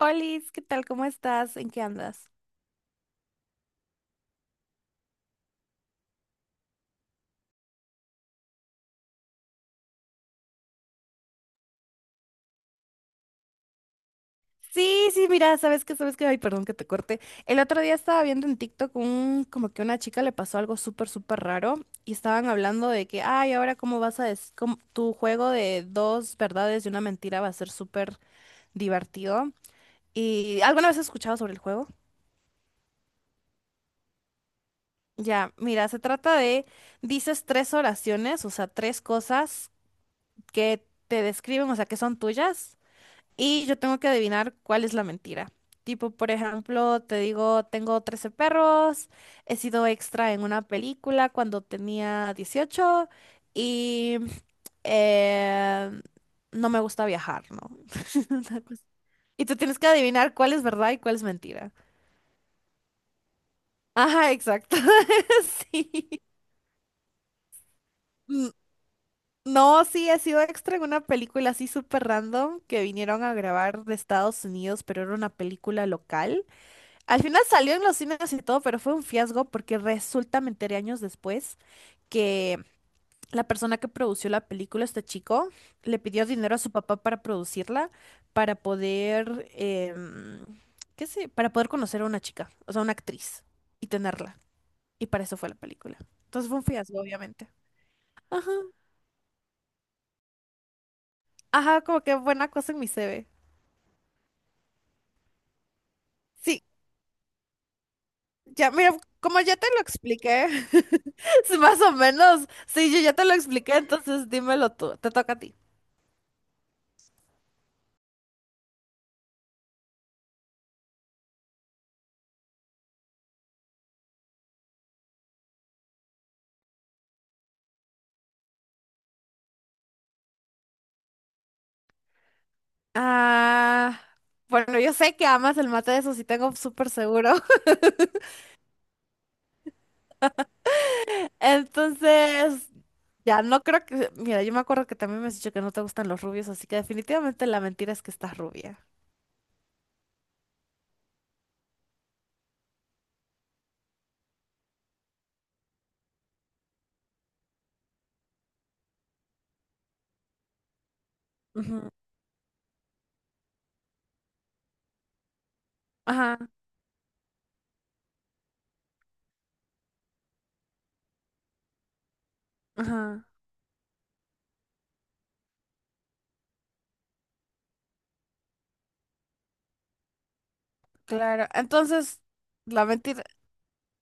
Olis, ¿qué tal? ¿Cómo estás? ¿En qué andas? Sí, sí, mira, sabes que, ay, perdón que te corte. El otro día estaba viendo en TikTok un, como que una chica le pasó algo súper, súper raro y estaban hablando de que, ay, ahora cómo vas a, des- cómo- tu juego de dos verdades y una mentira va a ser súper divertido. ¿Y alguna vez has escuchado sobre el juego? Ya, mira, se trata de, dices tres oraciones, o sea, tres cosas que te describen, o sea, que son tuyas. Y yo tengo que adivinar cuál es la mentira. Tipo, por ejemplo, te digo, tengo 13 perros, he sido extra en una película cuando tenía 18 y eh, no me gusta viajar, ¿no? Una cosa- Y tú tienes que adivinar cuál es verdad y cuál es mentira. Ajá, exacto. Sí. N- No, sí, he sido extra en una película así súper random que vinieron a grabar de Estados Unidos, pero era una película local. Al final salió en los cines y todo, pero fue un fiasco porque resulta, me enteré años después, que la persona que produció la película, este chico, le pidió dinero a su papá para producirla, para poder, qué sé, para poder conocer a una chica, o sea, una actriz, y tenerla. Y para eso fue la película. Entonces fue un fiasco, obviamente. Ajá, ajá, como que buena cosa en mi CV. Sí, ya, mira, como ya te lo expliqué, sí, más o menos, sí, yo ya te lo expliqué, entonces dímelo tú, te toca a ti. Ah, bueno, yo sé que amas el mate, eso sí tengo súper seguro. Entonces, ya no creo que... Mira, yo me acuerdo que también me has dicho que no te gustan los rubios, así que definitivamente la mentira es que estás rubia. Ujú. Ajá, ajá, claro. Entonces, la mentira...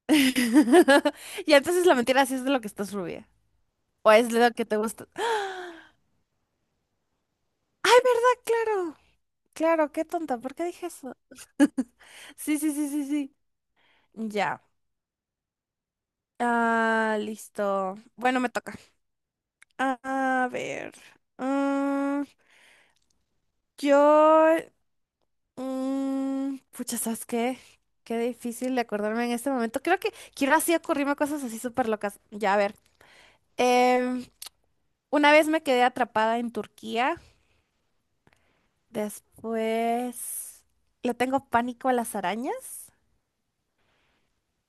Y entonces la mentira sí es de lo que estás rubia. O es de lo que te gusta. ¡Ah! ¡Ay, verdad! Claro. Claro, qué tonta. ¿Por qué dije eso? Sí, sí, sí, sí, sí. Ya. Ah, listo. Bueno, me toca. A ver. Mm, yo. Pucha, ¿sabes qué? Qué difícil de acordarme en este momento. Creo que quiero así ocurrirme cosas así súper locas. Ya, a ver. Em, una vez me quedé atrapada en Turquía. Después le tengo pánico a las arañas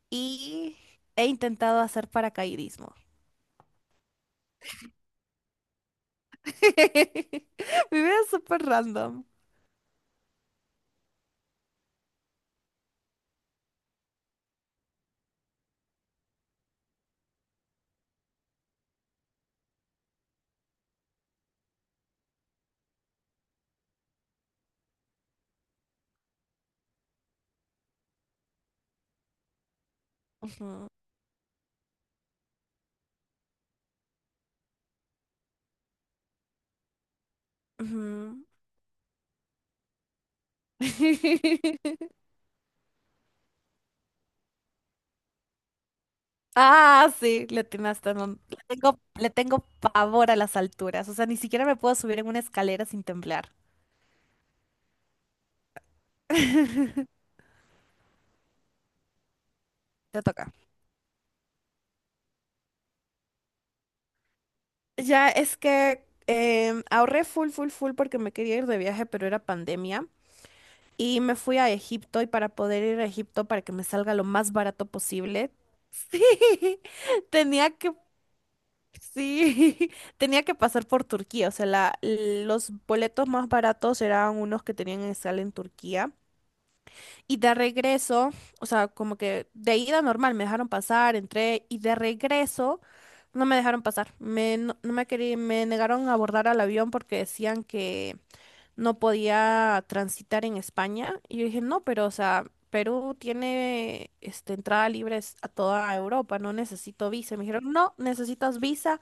y he intentado hacer paracaidismo. Mi vida es súper random. Ujú, ujú. Ah, sí, le atinaste, no, Le tengo pavor a las alturas. O sea, ni siquiera me puedo subir en una escalera sin temblar. Te toca. Ya es que ahorré full, full, full porque me quería ir de viaje, pero era pandemia. Y me fui a Egipto y para poder ir a Egipto para que me salga lo más barato posible, sí, tenía que, sí, tenía que pasar por Turquía. O sea, los boletos más baratos eran unos que tenían en sala en Turquía. Y de regreso, o sea, como que de ida normal, me dejaron pasar, entré y de regreso no me dejaron pasar. Me, no, no me querí- Me negaron a abordar al avión porque decían que no podía transitar en España. Y yo dije, no, pero, o sea, Perú tiene entrada libre a toda Europa, no necesito visa. Y me dijeron, no, necesitas visa.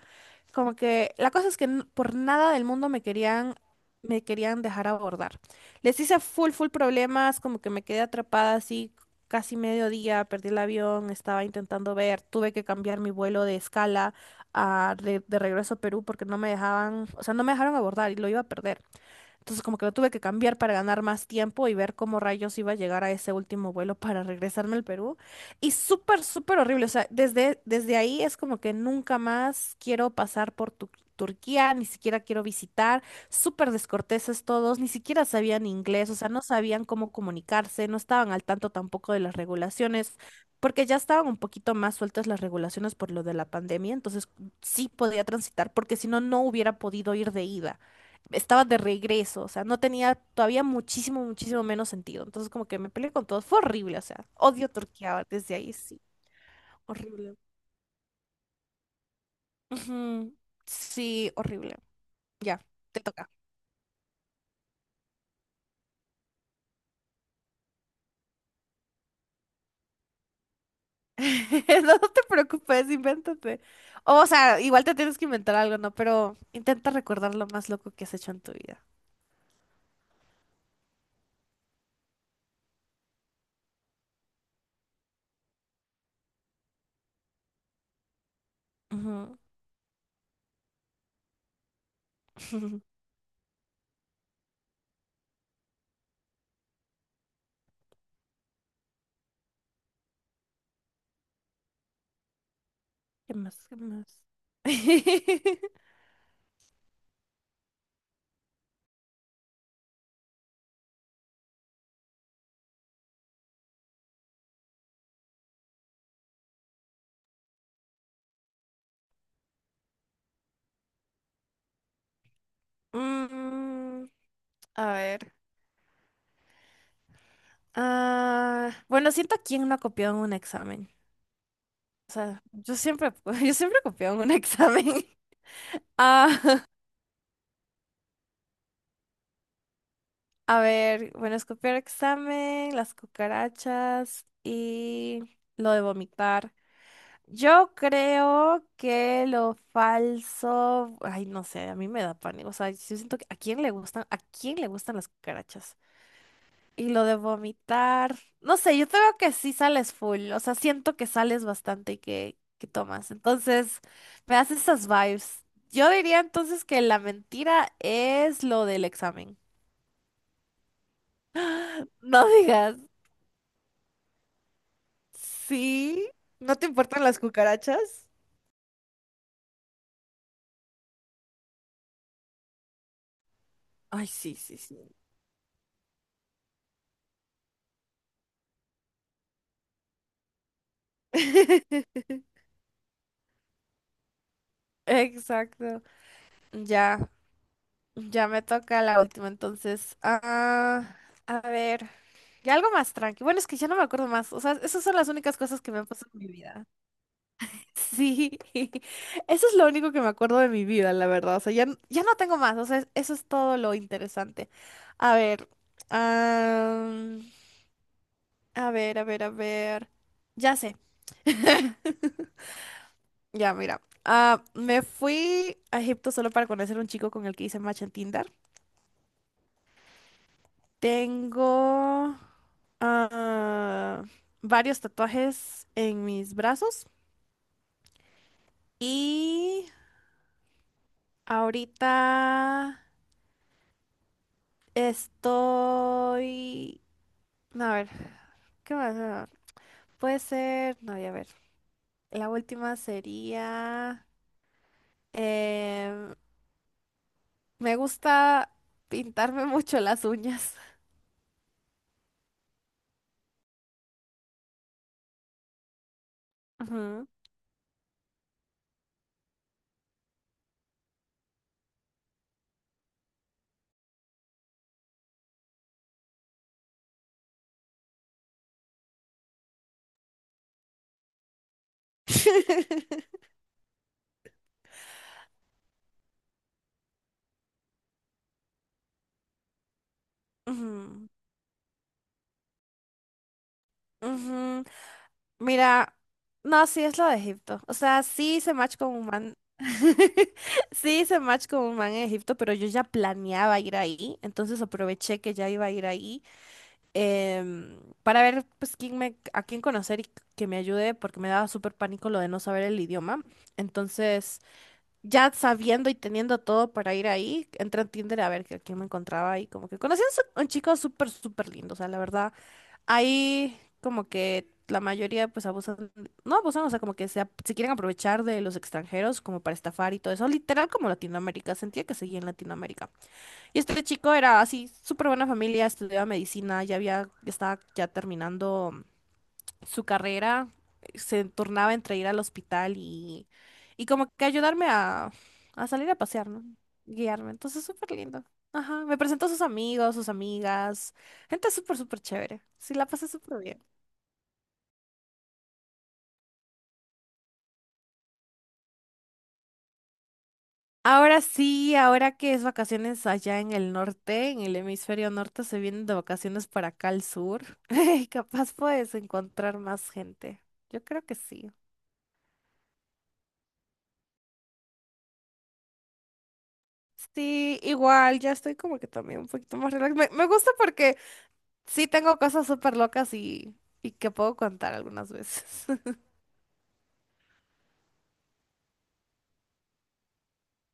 Como que la cosa es que por nada del mundo me querían, dejar abordar. Les hice full, full problemas, como que me quedé atrapada así casi mediodía, perdí el avión, estaba intentando ver, tuve que cambiar mi vuelo de escala de regreso a Perú porque no me dejaban, o sea, no me dejaron abordar y lo iba a perder. Entonces como que lo tuve que cambiar para ganar más tiempo y ver cómo rayos iba a llegar a ese último vuelo para regresarme al Perú. Y súper, súper horrible. O sea, desde ahí es como que nunca más quiero pasar por Turquía, ni siquiera quiero visitar. Súper descorteses todos, ni siquiera sabían inglés, o sea, no sabían cómo comunicarse, no estaban al tanto tampoco de las regulaciones. Porque ya estaban un poquito más sueltas las regulaciones por lo de la pandemia, entonces sí podía transitar, porque si no, no hubiera podido ir de ida, estaba de regreso, o sea, no tenía todavía muchísimo, muchísimo menos sentido. Entonces, como que me peleé con todos, fue horrible, o sea, odio Turquía desde ahí, sí, horrible. Ujú, sí, horrible. Ya, te toca. No te preocupes, invéntate. O sea, igual te tienes que inventar algo, ¿no? Pero intenta recordar lo más loco que has hecho en tu vida. Ujú. ¿Qué más? ¿Qué más? Mm, a ver. Ah, bueno, siento quién no ha copiado en un examen. O sea, yo siempre, yo siempre copiaba en un examen. Ah, a ver, bueno, es copiar examen, las cucarachas y lo de vomitar. Yo creo que lo falso, ay, no sé, a mí me da pánico. O sea, yo siento que a quién le gustan las cucarachas. Y lo de vomitar. No sé, yo te veo que sí sales full. O sea, siento que sales bastante y que tomas. Entonces, me das esas vibes. Yo diría entonces que la mentira es lo del examen. No digas. Sí, ¿no te importan las cucarachas? Ay, sí, sí, sí. Exacto. Ya, ya me toca la última entonces. Ah, a ver, ya algo más tranqui. Bueno, es que ya no me acuerdo más. O sea, esas son las únicas cosas que me han pasado en mi vida. Sí, eso es lo único que me acuerdo de mi vida, la verdad. O sea, ya, ya no tengo más. O sea, eso es todo lo interesante. A ver, am, a ver, a ver, a ver. Ya sé. Ya, mira. Ah, me fui a Egipto solo para conocer un chico con el que hice match en Tinder. Tengo ah, varios tatuajes en mis brazos y ahorita... Estoy... A ver, ¿qué más? Ah, puede ser... No, ya a ver. La última sería... em, me gusta pintarme mucho las uñas. Ujú. Ujú, ujú. Mira, no, sí es lo de Egipto. O sea, sí se match con un man. Sí hice match con un man en Egipto, pero yo ya planeaba ir ahí. Entonces aproveché que ya iba a ir ahí, em, para ver pues a quién conocer y que me ayude, porque me daba súper pánico lo de no saber el idioma. Entonces, ya sabiendo y teniendo todo para ir ahí, entré a Tinder a ver a quién me encontraba y como que conocí a un chico súper, súper lindo. O sea, la verdad, ahí como que la mayoría pues abusan, no abusan, o sea, como que se quieren aprovechar de los extranjeros como para estafar y todo eso. Literal como Latinoamérica, sentía que seguía en Latinoamérica. Y este chico era así, súper buena familia, estudiaba medicina, ya estaba ya terminando su carrera, se tornaba entre ir al hospital y como que ayudarme a salir a pasear, ¿no? Guiarme. Entonces, súper lindo. Ajá, me presentó a sus amigos, sus amigas, gente súper, súper chévere. Sí, la pasé súper bien. Ahora sí, ahora que es vacaciones allá en el norte, en el hemisferio norte, se vienen de vacaciones para acá al sur. Y capaz puedes encontrar más gente. Yo creo que sí. Sí, igual, ya estoy como que también un poquito más relax. Me gusta porque sí tengo cosas súper locas y que puedo contar algunas veces.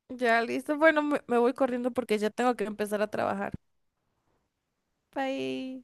Ya, listo. Bueno, me voy corriendo porque ya tengo que empezar a trabajar. Bye.